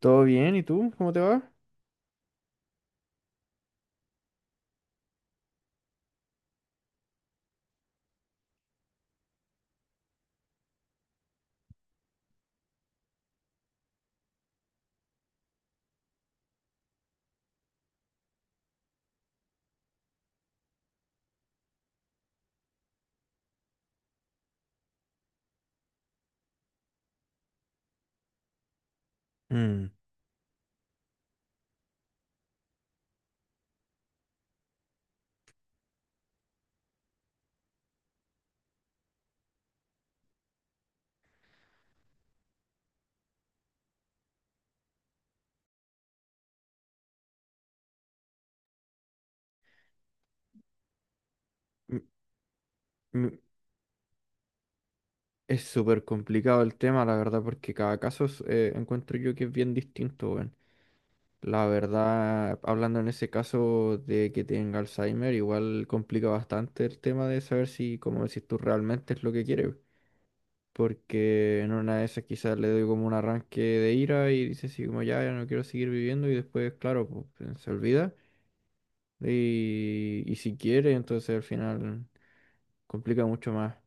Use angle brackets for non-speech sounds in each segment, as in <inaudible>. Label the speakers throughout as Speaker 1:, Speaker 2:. Speaker 1: ¿Todo bien? ¿Y tú? ¿Cómo te va? Mm. Mm, mm, es súper complicado el tema, la verdad, porque cada caso es, encuentro yo que es bien distinto, weón. La verdad, hablando en ese caso de que tenga Alzheimer, igual complica bastante el tema de saber si, como decís tú, realmente es lo que quiere, weón. Porque en una de esas quizás le doy como un arranque de ira y dice así como ya, ya no quiero seguir viviendo y después, claro, pues, se olvida. Y si quiere, entonces al final complica mucho más.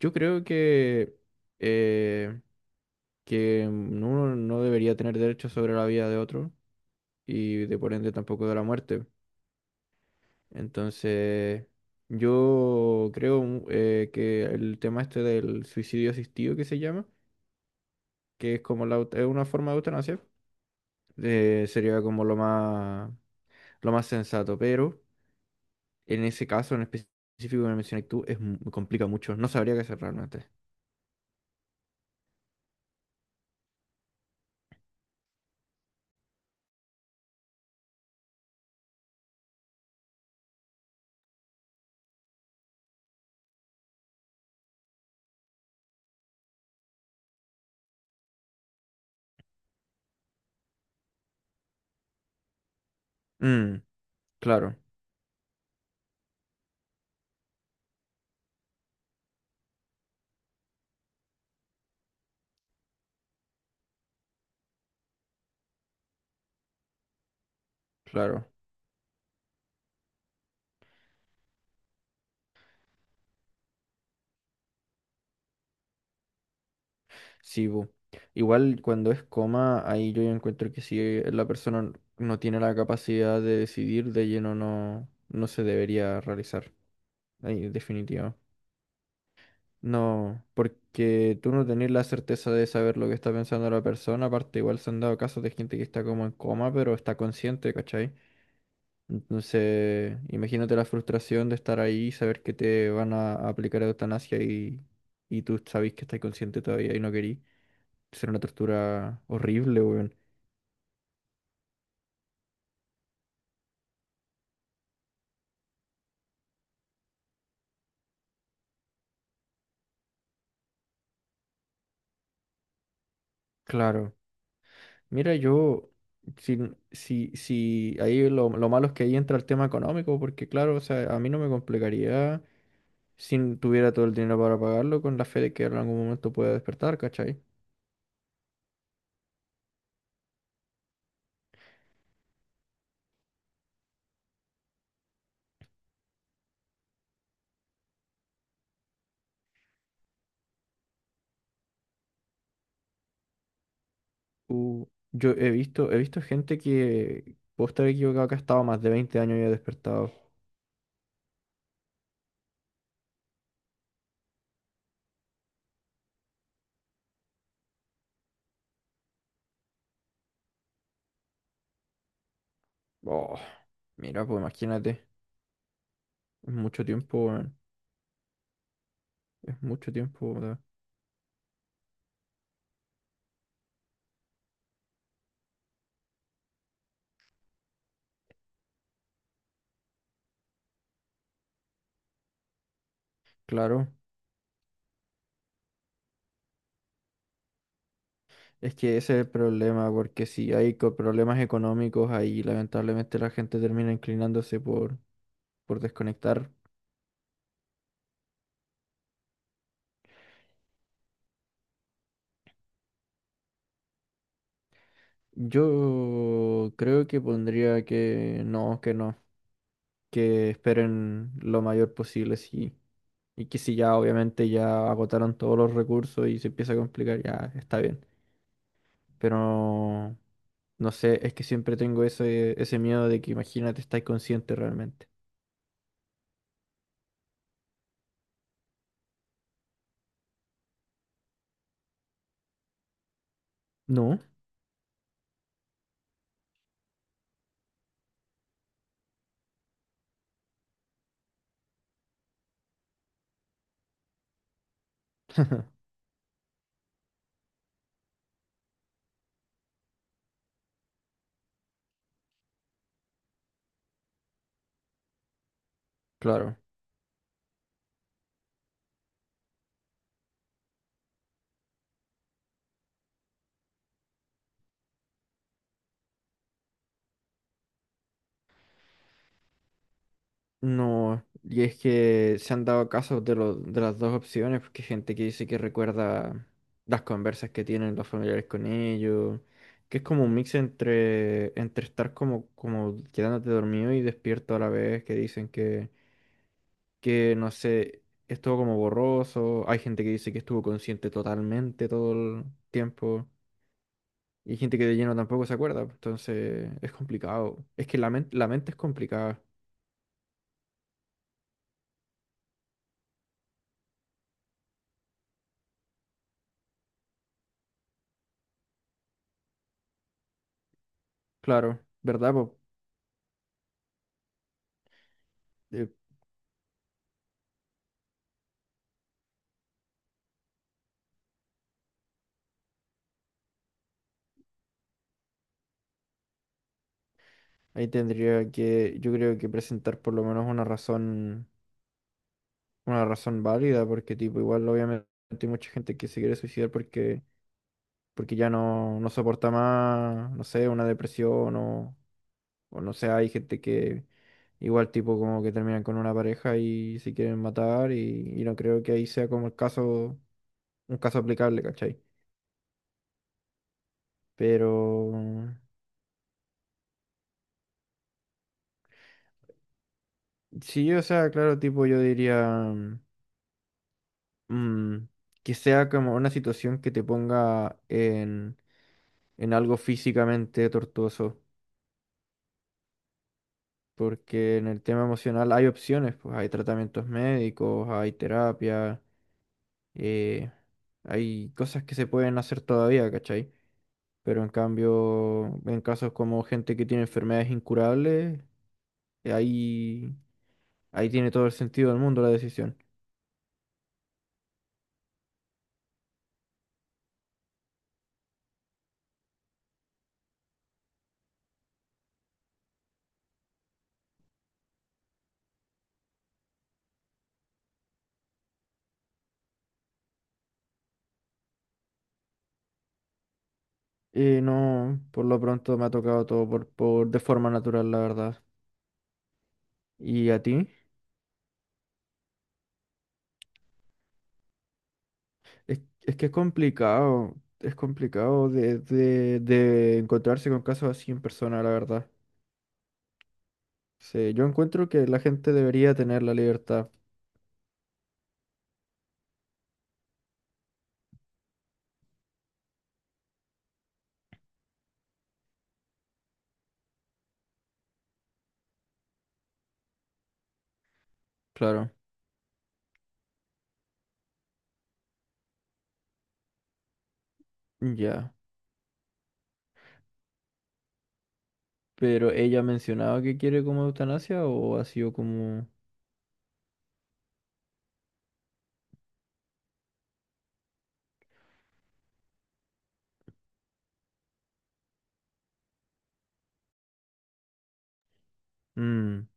Speaker 1: Yo creo eh, que uno no debería tener derecho sobre la vida de otro y de por ende tampoco de la muerte. Entonces, yo creo que el tema este del suicidio asistido que se llama, que es como es una forma de eutanasia, sería como lo más sensato. Pero en ese caso en específico que me mencioné tú, es, complica mucho. No sabría qué hacer realmente. Mm, claro, claro. Sí, bu. Igual cuando es coma, ahí yo ya encuentro que si la persona no tiene la capacidad de decidir, de lleno no, no se debería realizar. Ahí, definitivo. No, porque tú no tenés la certeza de saber lo que está pensando la persona. Aparte, igual se han dado casos de gente que está como en coma, pero está consciente, ¿cachai? Entonces, imagínate la frustración de estar ahí y saber que te van a aplicar eutanasia y tú sabes que estás consciente todavía y no querís. Será una tortura horrible, weón. Claro. Mira, yo, si, si ahí lo malo es que ahí entra el tema económico, porque claro, o sea, a mí no me complicaría si tuviera todo el dinero para pagarlo con la fe de que en algún momento pueda despertar, ¿cachai? Uh, yo he visto gente que, puedo estar equivocado, que ha estado más de 20 años y ha despertado. Oh, mira, pues imagínate, es mucho tiempo, weón. Es mucho tiempo, ¿verdad? Claro. Es que ese es el problema, porque si hay problemas económicos ahí, lamentablemente la gente termina inclinándose por desconectar. Yo creo que pondría que no, que no, que esperen lo mayor posible, sí. Y que si ya obviamente ya agotaron todos los recursos y se empieza a complicar, ya está bien. Pero no sé, es que siempre tengo ese, ese miedo de que imagínate, estáis consciente realmente. No, <laughs> claro. No, y es que se han dado casos de las dos opciones, porque hay gente que dice que recuerda las conversas que tienen los familiares con ellos, que es como un mix entre, entre estar como, como quedándote dormido y despierto a la vez, que dicen que no sé, estuvo como borroso, hay gente que dice que estuvo consciente totalmente todo el tiempo, y hay gente que de lleno tampoco se acuerda, pues, entonces es complicado, es que la mente es complicada, claro, ¿verdad, po? Eh, Ahí tendría que, yo creo que presentar por lo menos una razón válida, porque tipo, igual obviamente hay mucha gente que se quiere suicidar porque, porque ya no, no soporta más, no sé, una depresión o no sé, hay gente que igual tipo como que terminan con una pareja y se quieren matar y no creo que ahí sea como el caso, un caso aplicable, ¿cachai? Pero sí, o sea, claro, tipo yo diría mm, que sea como una situación que te ponga en algo físicamente tortuoso, porque en el tema emocional hay opciones, pues hay tratamientos médicos, hay terapia, eh, hay cosas que se pueden hacer todavía, ¿cachai? Pero en cambio, en casos como gente que tiene enfermedades incurables, ahí, ahí tiene todo el sentido del mundo la decisión. Y no, por lo pronto me ha tocado todo por de forma natural, la verdad. ¿Y a ti? Es que es complicado de encontrarse con casos así en persona, la verdad. Sí, yo encuentro que la gente debería tener la libertad, claro, ya. Pero ella ha mencionado que quiere como eutanasia o ha sido como... Mm,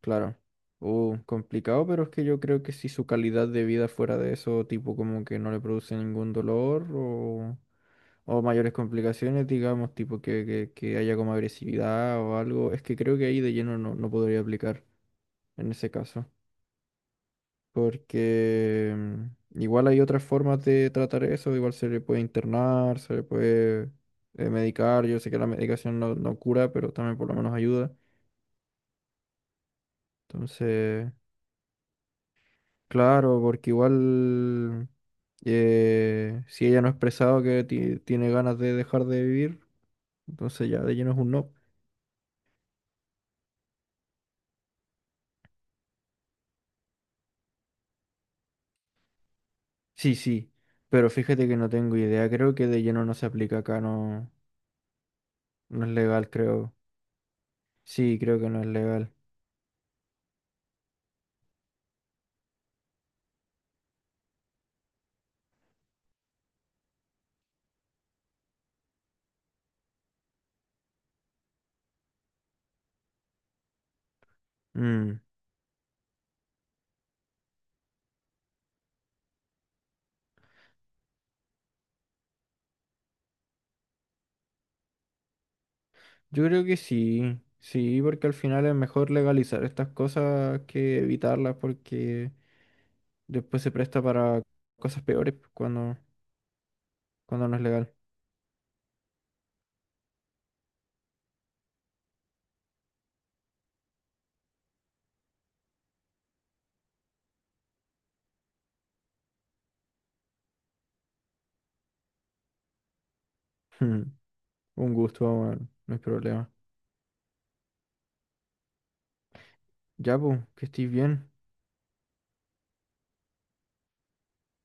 Speaker 1: claro. Complicado, pero es que yo creo que si su calidad de vida fuera de eso, tipo como que no le produce ningún dolor o mayores complicaciones, digamos, tipo que, que haya como agresividad o algo, es que creo que ahí de lleno no, no podría aplicar en ese caso, porque igual hay otras formas de tratar eso, igual se le puede internar, se le puede medicar, yo sé que la medicación no, no cura, pero también por lo menos ayuda, entonces, claro, porque igual si ella no ha expresado que tiene ganas de dejar de vivir, entonces ya de lleno es un no. Sí, sí, pero fíjate que no tengo idea, creo que de lleno no se aplica acá, no, no es legal, creo. Sí, creo que no es legal. Mm. Yo creo que sí, sí, porque al final es mejor legalizar estas cosas que evitarlas porque después se presta para cosas peores pues, cuando, cuando no es legal. <laughs> Un gusto, bueno, no hay problema. Ya, pues, que estés bien.